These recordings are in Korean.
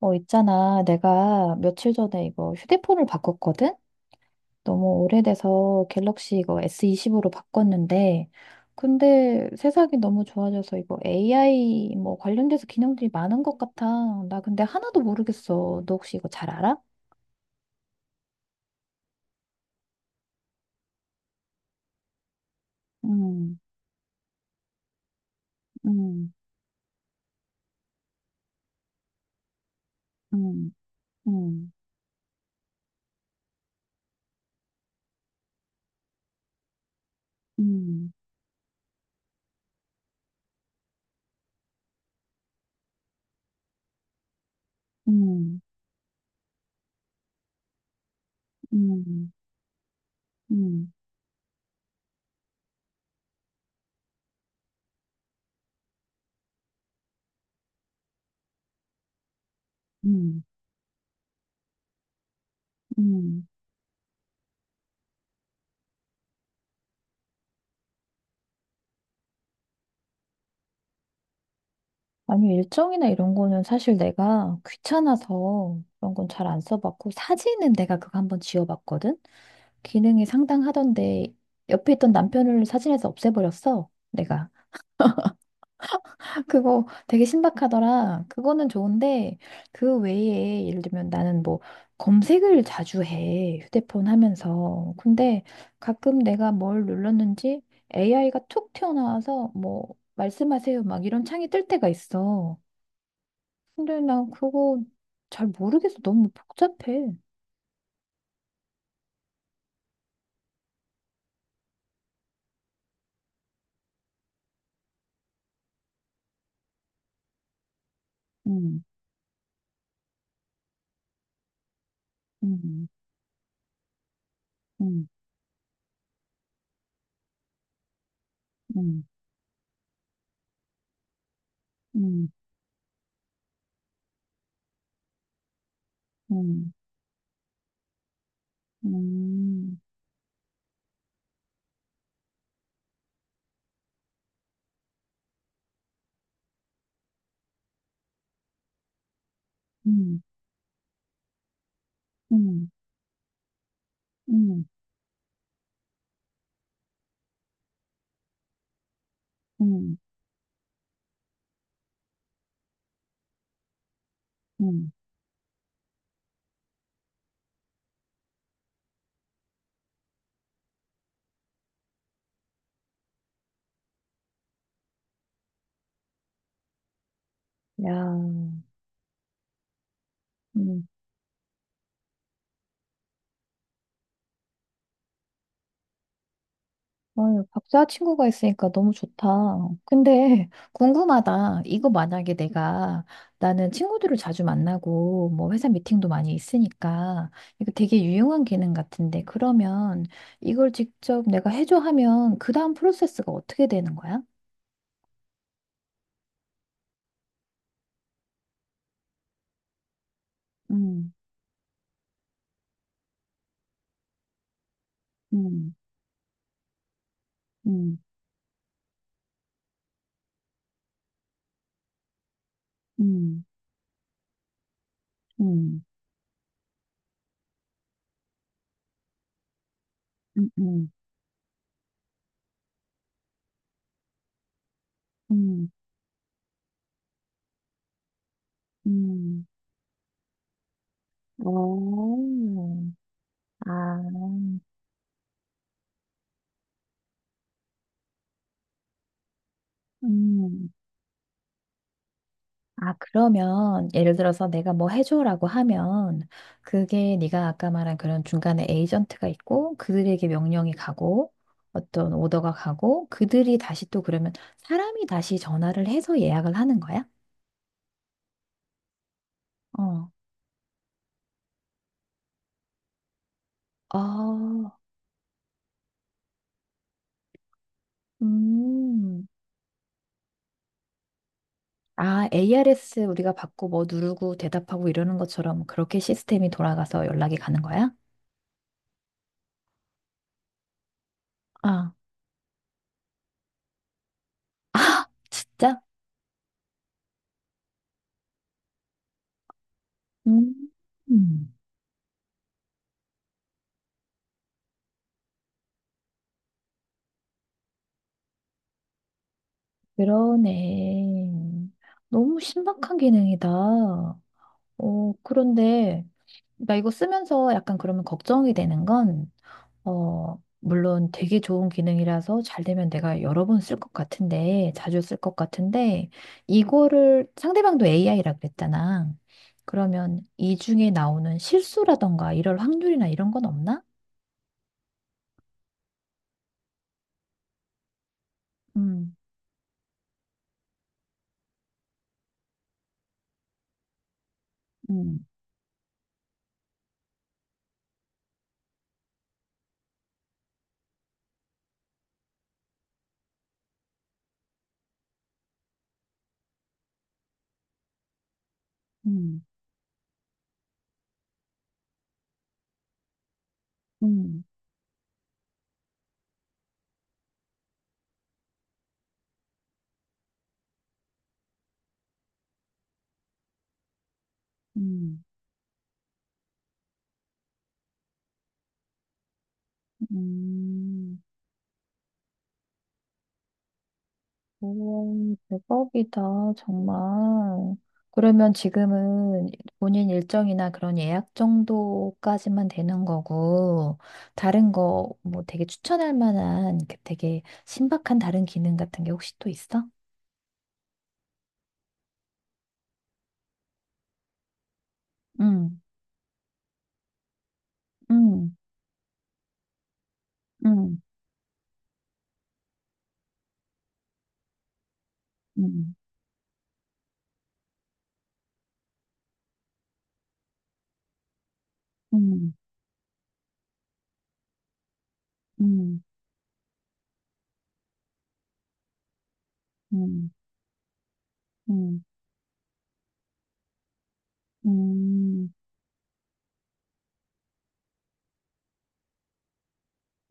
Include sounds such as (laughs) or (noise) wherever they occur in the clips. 어, 있잖아. 내가 며칠 전에 이거 휴대폰을 바꿨거든? 너무 오래돼서 갤럭시 이거 S20으로 바꿨는데, 근데 세상이 너무 좋아져서 이거 AI 뭐 관련돼서 기능들이 많은 것 같아. 나 근데 하나도 모르겠어. 너 혹시 이거 잘 알아? 음, 음, 음, 음, 음, 음, 음, 음, 음, 음. 아니, 일정이나 이런 거는 사실 내가 귀찮아서 그런 건 잘 안 써봤고, 사진은 내가 그거 한번 지워봤거든? 기능이 상당하던데, 옆에 있던 남편을 사진에서 없애버렸어, 내가. (laughs) 그거 되게 신박하더라. 그거는 좋은데, 그 외에, 예를 들면 나는 뭐, 검색을 자주 해, 휴대폰 하면서. 근데 가끔 내가 뭘 눌렀는지 AI가 툭 튀어나와서, 뭐, 말씀하세요, 막 이런 창이 뜰 때가 있어. 근데 나 그거 잘 모르겠어. 너무 복잡해. 음, 음, 음, 음, 음, 음, 음, 음, 음, 음, 음, 음. 야, 음. 아유, 박사 친구가 있으니까 너무 좋다. 근데 (laughs) 궁금하다. 이거 만약에 내가 나는 친구들을 자주 만나고 뭐 회사 미팅도 많이 있으니까 이거 되게 유용한 기능 같은데 그러면 이걸 직접 내가 해줘 하면 그 다음 프로세스가 어떻게 되는 거야? 음, 음, 음, 음, 음, 음, 음, 음, 음. 오, 아, 음. 아, 그러면 예를 들어서 내가 뭐 해줘라고 하면 그게 네가 아까 말한 그런 중간에 에이전트가 있고 그들에게 명령이 가고 어떤 오더가 가고 그들이 다시 또 그러면 사람이 다시 전화를 해서 예약을 하는 거야? 어. 아, 음. 아, ARS 우리가 받고 뭐 누르고 대답하고 이러는 것처럼 그렇게 시스템이 돌아가서 연락이 가는 거야? 아. 아, (laughs) 진짜? 음. 그러네. 너무 신박한 기능이다. 어, 그런데, 나 이거 쓰면서 약간 그러면 걱정이 되는 건, 어, 물론 되게 좋은 기능이라서 잘 되면 내가 여러 번 쓸 것 같은데, 자주 쓸 것 같은데, 이거를 상대방도 AI라 그랬잖아. 그러면 이 중에 나오는 실수라던가 이럴 확률이나 이런 건 없나? 음, 음, 음, 음, 음, 음. 오, 대박이다, 정말. 그러면 지금은 본인 일정이나 그런 예약 정도까지만 되는 거고, 다른 거 뭐 되게 추천할 만한 그 되게 신박한 다른 기능 같은 게 혹시 또 있어? 응! 응! 응! 응! 응, 응, 응, 응, 응,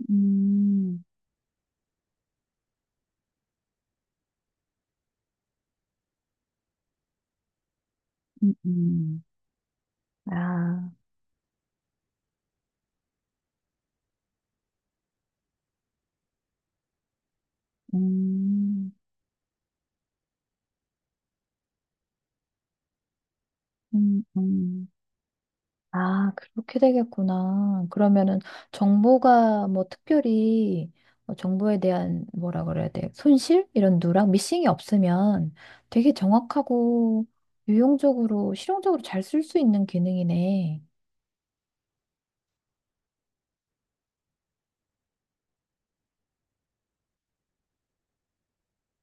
응, 응, 응, 아, 음, 음, 음. 아, 그렇게 되겠구나. 그러면은 정보가 뭐 특별히 어, 정보에 대한 뭐라 그래야 돼? 손실? 이런 누락? 미싱이 없으면 되게 정확하고 유용적으로, 실용적으로 잘 쓸 수 있는 기능이네.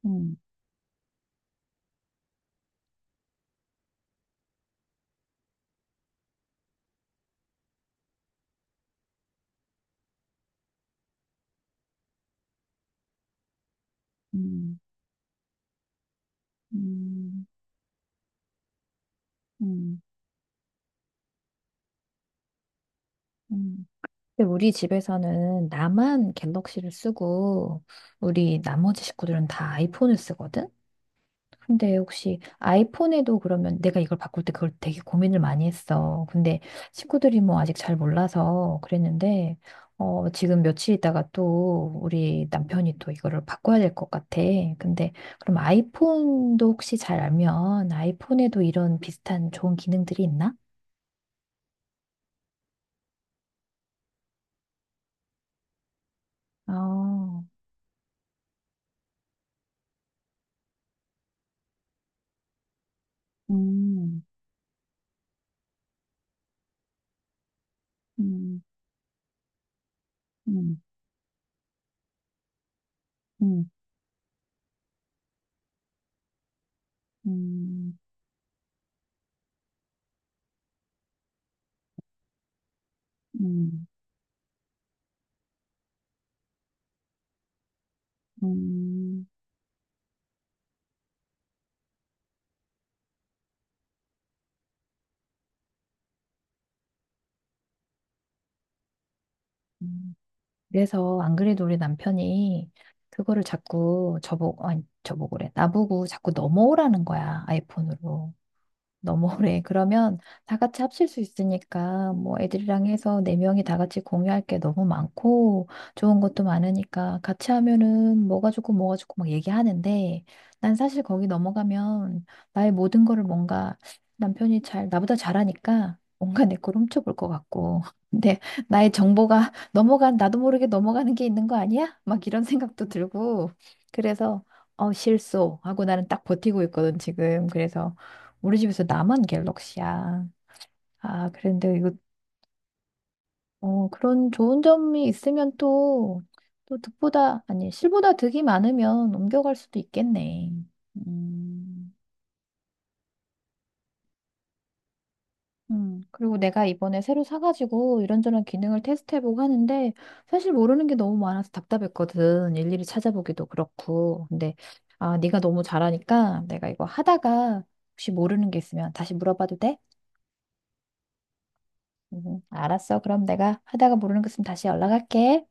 음, 음, 음, 음, 음. 근데 우리 집에서는 나만 갤럭시를 쓰고 우리 나머지 식구들은 다 아이폰을 쓰거든? 근데 혹시 아이폰에도 그러면 내가 이걸 바꿀 때 그걸 되게 고민을 많이 했어. 근데 친구들이 뭐 아직 잘 몰라서 그랬는데, 어, 지금 며칠 있다가 또 우리 남편이 또 이거를 바꿔야 될 것 같아. 근데 그럼 아이폰도 혹시 잘 알면 아이폰에도 이런 비슷한 좋은 기능들이 있나? 아, 음, 음, 음, 음, 음, 음, 음. 음. 그래서 안 그래도 우리 남편이 그거를 자꾸 저보고, 아니, 저보고 그래. 나보고 자꾸 넘어오라는 거야, 아이폰으로. 너무 (laughs) 오래. 그러면 다 같이 합칠 수 있으니까 뭐 애들이랑 해서 네 명이 다 같이 공유할 게 너무 많고 좋은 것도 많으니까 같이 하면은 뭐가 좋고 뭐가 좋고 막 얘기하는데 난 사실 거기 넘어가면 나의 모든 거를 뭔가 남편이 잘 나보다 잘하니까 뭔가 내 걸 훔쳐볼 것 같고 (laughs) 근데 나의 정보가 (laughs) 넘어간 나도 모르게 넘어가는 게 있는 거 아니야? 막 이런 생각도 들고 그래서 어 실소 하고 나는 딱 버티고 있거든 지금 그래서 우리 집에서 나만 갤럭시야. 아, 그런데 이거, 어, 그런 좋은 점이 있으면 또, 또 득보다, 아니, 실보다 득이 많으면 옮겨갈 수도 있겠네. 음, 그리고 내가 이번에 새로 사가지고 이런저런 기능을 테스트해보고 하는데, 사실 모르는 게 너무 많아서 답답했거든. 일일이 찾아보기도 그렇고. 근데, 아, 네가 너무 잘하니까 내가 이거 하다가 혹시 모르는 게 있으면 다시 물어봐도 돼? 알았어. 그럼 내가 하다가 모르는 것 있으면 다시 연락할게.